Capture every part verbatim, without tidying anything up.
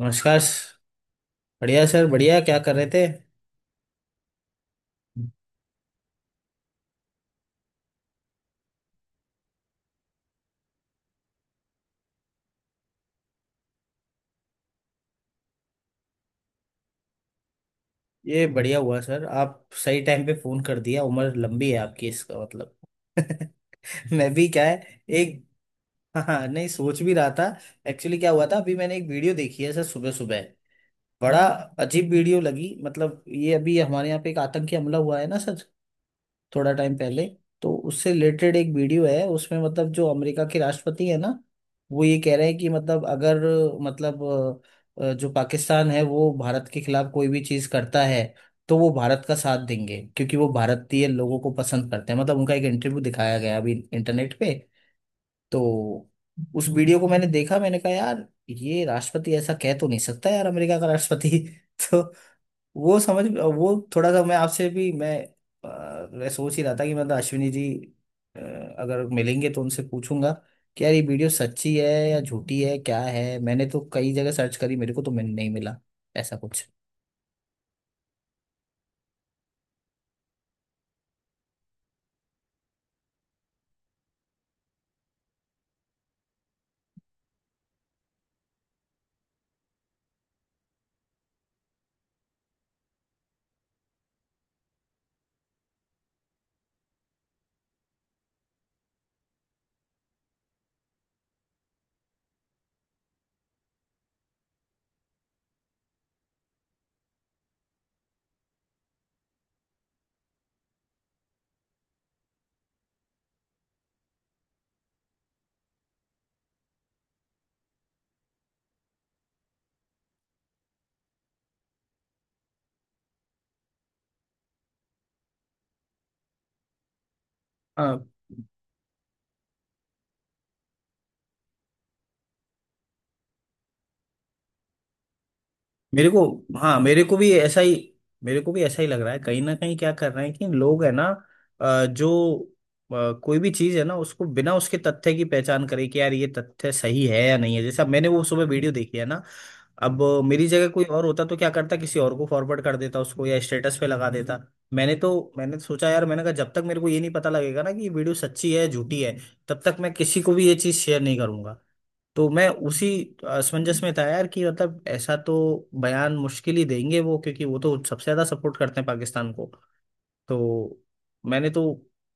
नमस्कार स- बढ़िया सर। बढ़िया, क्या कर रहे थे। ये बढ़िया हुआ सर, आप सही टाइम पे फोन कर दिया, उम्र लंबी है आपकी इसका मतलब। मैं भी क्या है। एक, हाँ हाँ, नहीं सोच भी रहा था। एक्चुअली क्या हुआ था, अभी मैंने एक वीडियो देखी है सर सुबह सुबह। बड़ा अजीब वीडियो लगी। मतलब ये अभी हमारे यहाँ पे एक आतंकी हमला हुआ है ना सर, थोड़ा टाइम पहले। तो उससे रिलेटेड एक वीडियो है उसमें, मतलब जो अमेरिका के राष्ट्रपति है ना, वो ये कह रहे हैं कि मतलब अगर, मतलब अ, अ, जो पाकिस्तान है वो भारत के खिलाफ कोई भी चीज करता है तो वो भारत का साथ देंगे, क्योंकि वो भारतीय लोगों को पसंद करते हैं। मतलब उनका एक इंटरव्यू दिखाया गया अभी इंटरनेट पे। तो उस वीडियो को मैंने देखा, मैंने कहा यार ये राष्ट्रपति ऐसा कह तो नहीं सकता यार, अमेरिका का राष्ट्रपति। तो वो समझ, वो थोड़ा सा मैं आपसे भी मैं, अ, मैं सोच ही रहा था कि मतलब अश्विनी जी अ, अगर मिलेंगे तो उनसे पूछूंगा कि यार ये वीडियो सच्ची है या झूठी है क्या है। मैंने तो कई जगह सर्च करी, मेरे को तो मिल नहीं मिला ऐसा कुछ। मेरे को, हाँ मेरे को भी ऐसा ही, मेरे को भी ऐसा ही लग रहा है कहीं ना कहीं क्या कर रहे हैं कि लोग है ना, अ, जो अ, कोई भी चीज़ है ना, उसको बिना उसके तथ्य की पहचान करे कि यार ये तथ्य सही है या नहीं है। जैसे अब मैंने वो सुबह वीडियो देखी है ना, अब मेरी जगह कोई और होता तो क्या करता, किसी और को फॉरवर्ड कर देता उसको या स्टेटस पे लगा देता। मैंने तो, मैंने सोचा यार, मैंने कहा जब तक मेरे को ये नहीं पता लगेगा ना कि ये वीडियो सच्ची है झूठी है, तब तक मैं किसी को भी ये चीज़ शेयर नहीं करूंगा। तो मैं उसी असमंजस में था यार, कि मतलब ऐसा तो बयान मुश्किल ही देंगे वो, क्योंकि वो तो सबसे ज्यादा सपोर्ट करते हैं पाकिस्तान को। तो मैंने तो,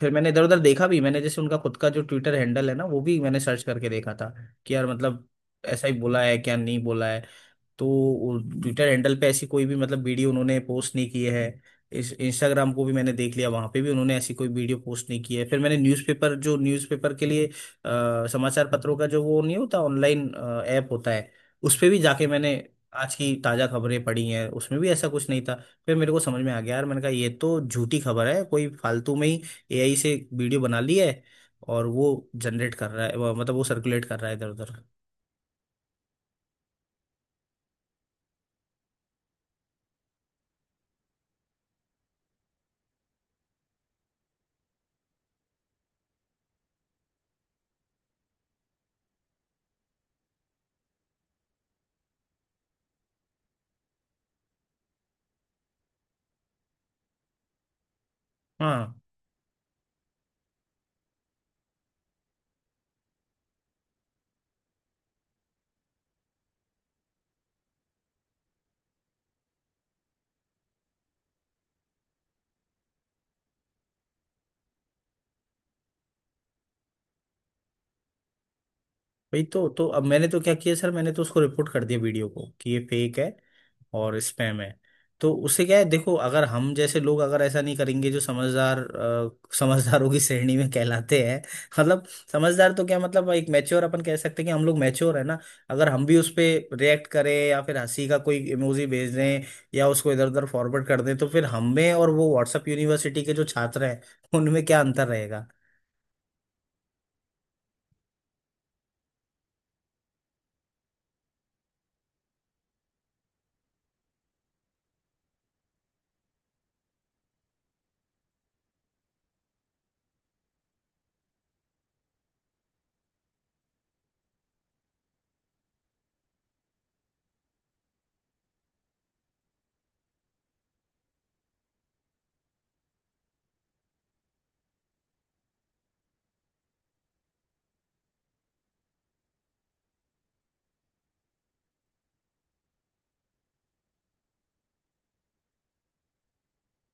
फिर मैंने इधर उधर देखा भी, मैंने जैसे उनका खुद का जो ट्विटर हैंडल है ना वो भी मैंने सर्च करके देखा था कि यार मतलब ऐसा ही बोला है क्या नहीं बोला है। तो ट्विटर हैंडल पे ऐसी कोई भी मतलब वीडियो उन्होंने पोस्ट नहीं की है। इस इंस्टाग्राम को भी मैंने देख लिया, वहां पे भी उन्होंने ऐसी कोई वीडियो पोस्ट नहीं की है। फिर मैंने न्यूज़पेपर, जो न्यूज़पेपर के लिए अ, समाचार पत्रों का जो वो नहीं होता ऑनलाइन ऐप होता है, उस पे भी जाके मैंने आज की ताजा खबरें पढ़ी हैं, उसमें भी ऐसा कुछ नहीं था। फिर मेरे को समझ में आ गया यार, मैंने कहा ये तो झूठी खबर है, कोई फालतू में ही ए आई से वीडियो बना ली है और वो जनरेट कर रहा है, वो- मतलब वो सर्कुलेट कर रहा है इधर उधर। हाँ भाई, तो तो अब मैंने तो क्या किया सर, मैंने तो उसको रिपोर्ट कर दिया वीडियो को कि ये फेक है और स्पैम है। तो उससे क्या है, देखो अगर हम जैसे लोग अगर ऐसा नहीं करेंगे, जो समझदार अ, समझदारों की श्रेणी में कहलाते हैं, मतलब समझदार तो क्या, मतलब एक मैच्योर अपन कह सकते हैं कि हम लोग मैच्योर है ना। अगर हम भी उस पे रिएक्ट करें या फिर हंसी का कोई इमोजी भेज दें या उसको इधर उधर फॉरवर्ड कर दें, तो फिर हम में और वो व्हाट्सएप यूनिवर्सिटी के जो छात्र हैं उनमें क्या अंतर रहेगा।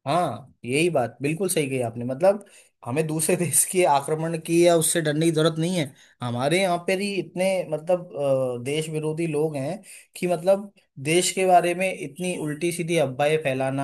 हाँ यही बात बिल्कुल सही कही आपने, मतलब हमें दूसरे देश के आक्रमण की या उससे डरने की जरूरत नहीं है। हमारे यहाँ पर ही इतने मतलब अ, देश विरोधी लोग हैं कि मतलब देश के बारे में इतनी उल्टी सीधी अफवाहें फैलाना,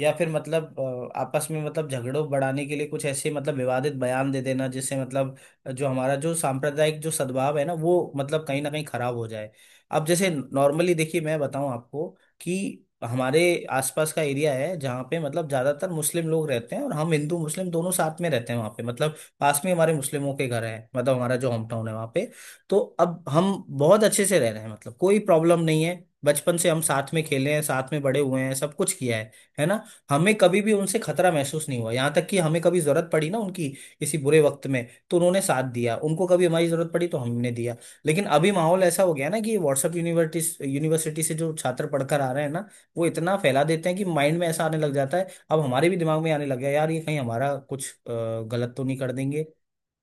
या फिर मतलब अ, आपस में मतलब झगड़ों बढ़ाने के लिए कुछ ऐसे मतलब विवादित बयान दे देना, जिससे मतलब जो हमारा जो सांप्रदायिक जो सद्भाव है ना वो मतलब कहीं ना कहीं खराब हो जाए। अब जैसे नॉर्मली देखिए मैं बताऊं आपको, कि हमारे आसपास का एरिया है जहाँ पे मतलब ज्यादातर मुस्लिम लोग रहते हैं और हम हिंदू मुस्लिम दोनों साथ में रहते हैं वहाँ पे, मतलब पास में हमारे मुस्लिमों के घर है। मतलब हमारा जो होम टाउन है वहाँ पे, तो अब हम बहुत अच्छे से रह रहे हैं, मतलब कोई प्रॉब्लम नहीं है। बचपन से हम साथ में खेले हैं, साथ में बड़े हुए हैं, सब कुछ किया है है ना। हमें कभी भी उनसे खतरा महसूस नहीं हुआ, यहाँ तक कि हमें कभी जरूरत पड़ी ना उनकी किसी बुरे वक्त में तो उन्होंने साथ दिया, उनको कभी हमारी जरूरत पड़ी तो हमने दिया। लेकिन अभी माहौल ऐसा हो गया ना कि व्हाट्सएप यूनिवर्सिटी यूनिवर्सिटी से जो छात्र पढ़कर आ रहे हैं ना, वो इतना फैला देते हैं कि माइंड में ऐसा आने लग जाता है, अब हमारे भी दिमाग में आने लग गया यार ये कहीं हमारा कुछ अ, गलत तो नहीं कर देंगे,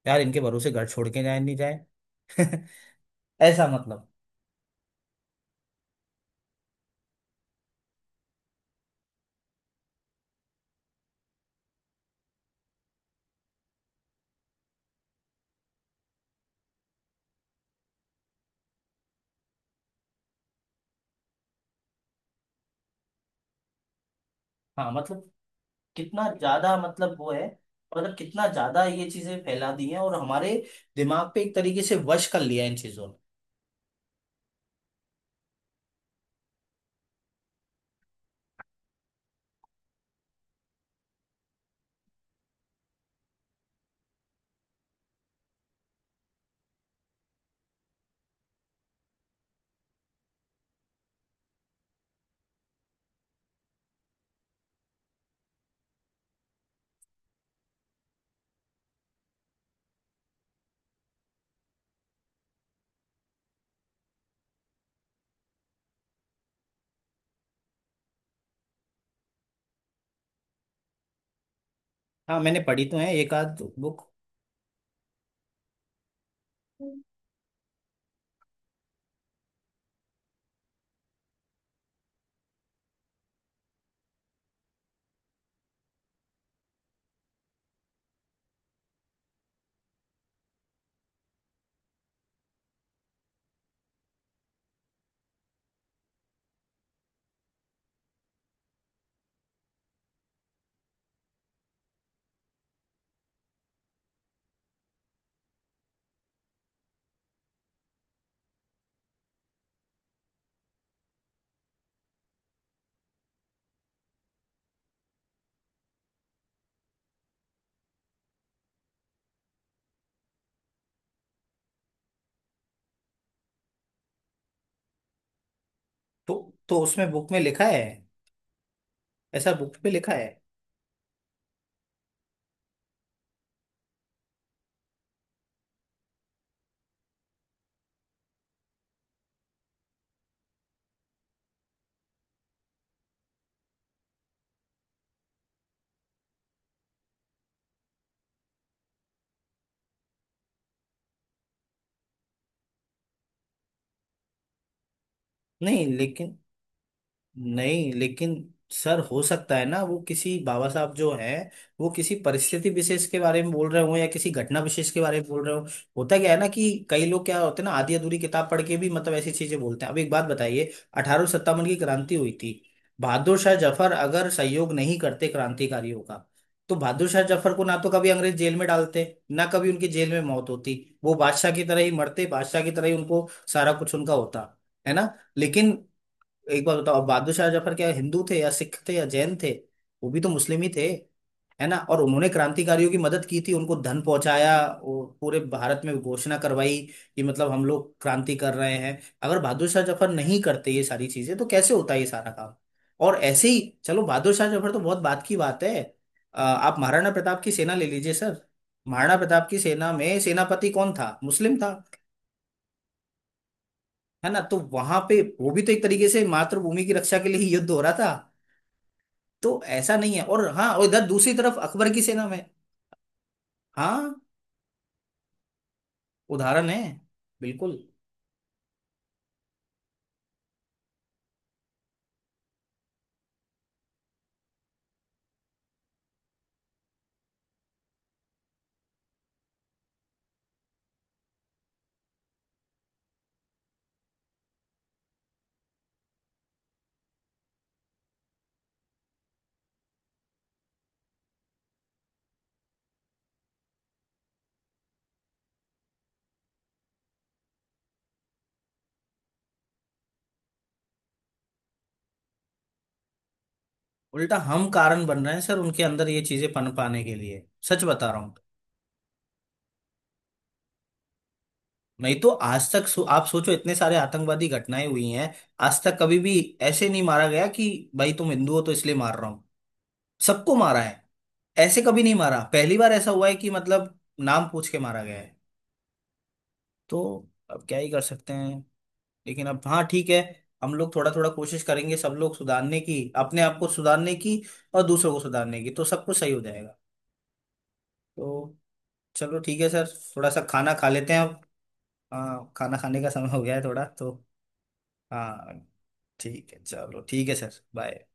यार इनके भरोसे घर छोड़ के जाए नहीं जाए। ऐसा मतलब, हाँ मतलब कितना ज्यादा मतलब वो है, मतलब कितना ज्यादा ये चीजें फैला दी हैं और हमारे दिमाग पे एक तरीके से वश कर लिया है इन चीजों ने। हाँ मैंने पढ़ी तो है एक आध बुक। तो तो उसमें बुक में लिखा है, ऐसा बुक पे लिखा है। नहीं लेकिन, नहीं लेकिन सर हो सकता है ना वो किसी बाबा साहब जो हैं वो किसी परिस्थिति विशेष के बारे में बोल रहे हो या किसी घटना विशेष के बारे में बोल रहे हो। होता क्या है ना कि कई लोग क्या होते हैं ना, आधी अधूरी किताब पढ़ के भी मतलब ऐसी चीजें बोलते हैं। अब एक बात बताइए, अठारह सत्तावन की क्रांति हुई थी, बहादुर शाह जफर अगर सहयोग नहीं करते क्रांतिकारियों का, तो बहादुर शाह जफर को ना तो कभी अंग्रेज जेल में डालते, ना कभी उनकी जेल में मौत होती। वो बादशाह की तरह ही मरते, बादशाह की तरह ही उनको सारा कुछ उनका होता, है ना। लेकिन एक बार बताओ बहादुर शाह जफर क्या हिंदू थे या सिख थे या जैन थे, वो भी तो मुस्लिम ही थे, है ना। और उन्होंने क्रांतिकारियों की मदद की थी, उनको धन पहुंचाया और पूरे भारत में घोषणा करवाई कि मतलब हम लोग क्रांति कर रहे हैं। अगर बहादुर शाह जफर नहीं करते ये सारी चीजें, तो कैसे होता ये सारा काम। और ऐसे ही, चलो बहादुर शाह जफर तो बहुत बात की बात है, अ, आप महाराणा प्रताप की सेना ले लीजिए सर। महाराणा प्रताप की सेना में सेनापति कौन था, मुस्लिम था, है ना। तो वहां पे वो भी तो एक तरीके से मातृभूमि की रक्षा के लिए ही युद्ध हो रहा था। तो ऐसा नहीं है। और हाँ, और इधर दूसरी तरफ अकबर की सेना में। हाँ उदाहरण है, बिल्कुल। उल्टा हम कारण बन रहे हैं सर उनके अंदर ये चीजें पन पाने के लिए, सच बता रहा हूँ। नहीं तो आज तक सो, आप सोचो इतने सारे आतंकवादी घटनाएं हुई हैं, आज तक कभी भी ऐसे नहीं मारा गया कि भाई तुम हिंदू हो तो इसलिए मार रहा हूँ, सबको मारा है। ऐसे कभी नहीं मारा, पहली बार ऐसा हुआ है कि मतलब नाम पूछ के मारा गया है। तो अब क्या ही कर सकते हैं। लेकिन अब हाँ ठीक है, हम लोग थोड़ा थोड़ा कोशिश करेंगे, सब लोग सुधारने की, अपने आप को सुधारने की और दूसरों को सुधारने की, तो सब कुछ सही हो जाएगा। तो चलो ठीक है सर, थोड़ा सा खाना खा लेते हैं अब। हाँ खाना खाने का समय हो गया है थोड़ा तो। हाँ ठीक है, चलो ठीक है सर, बाय।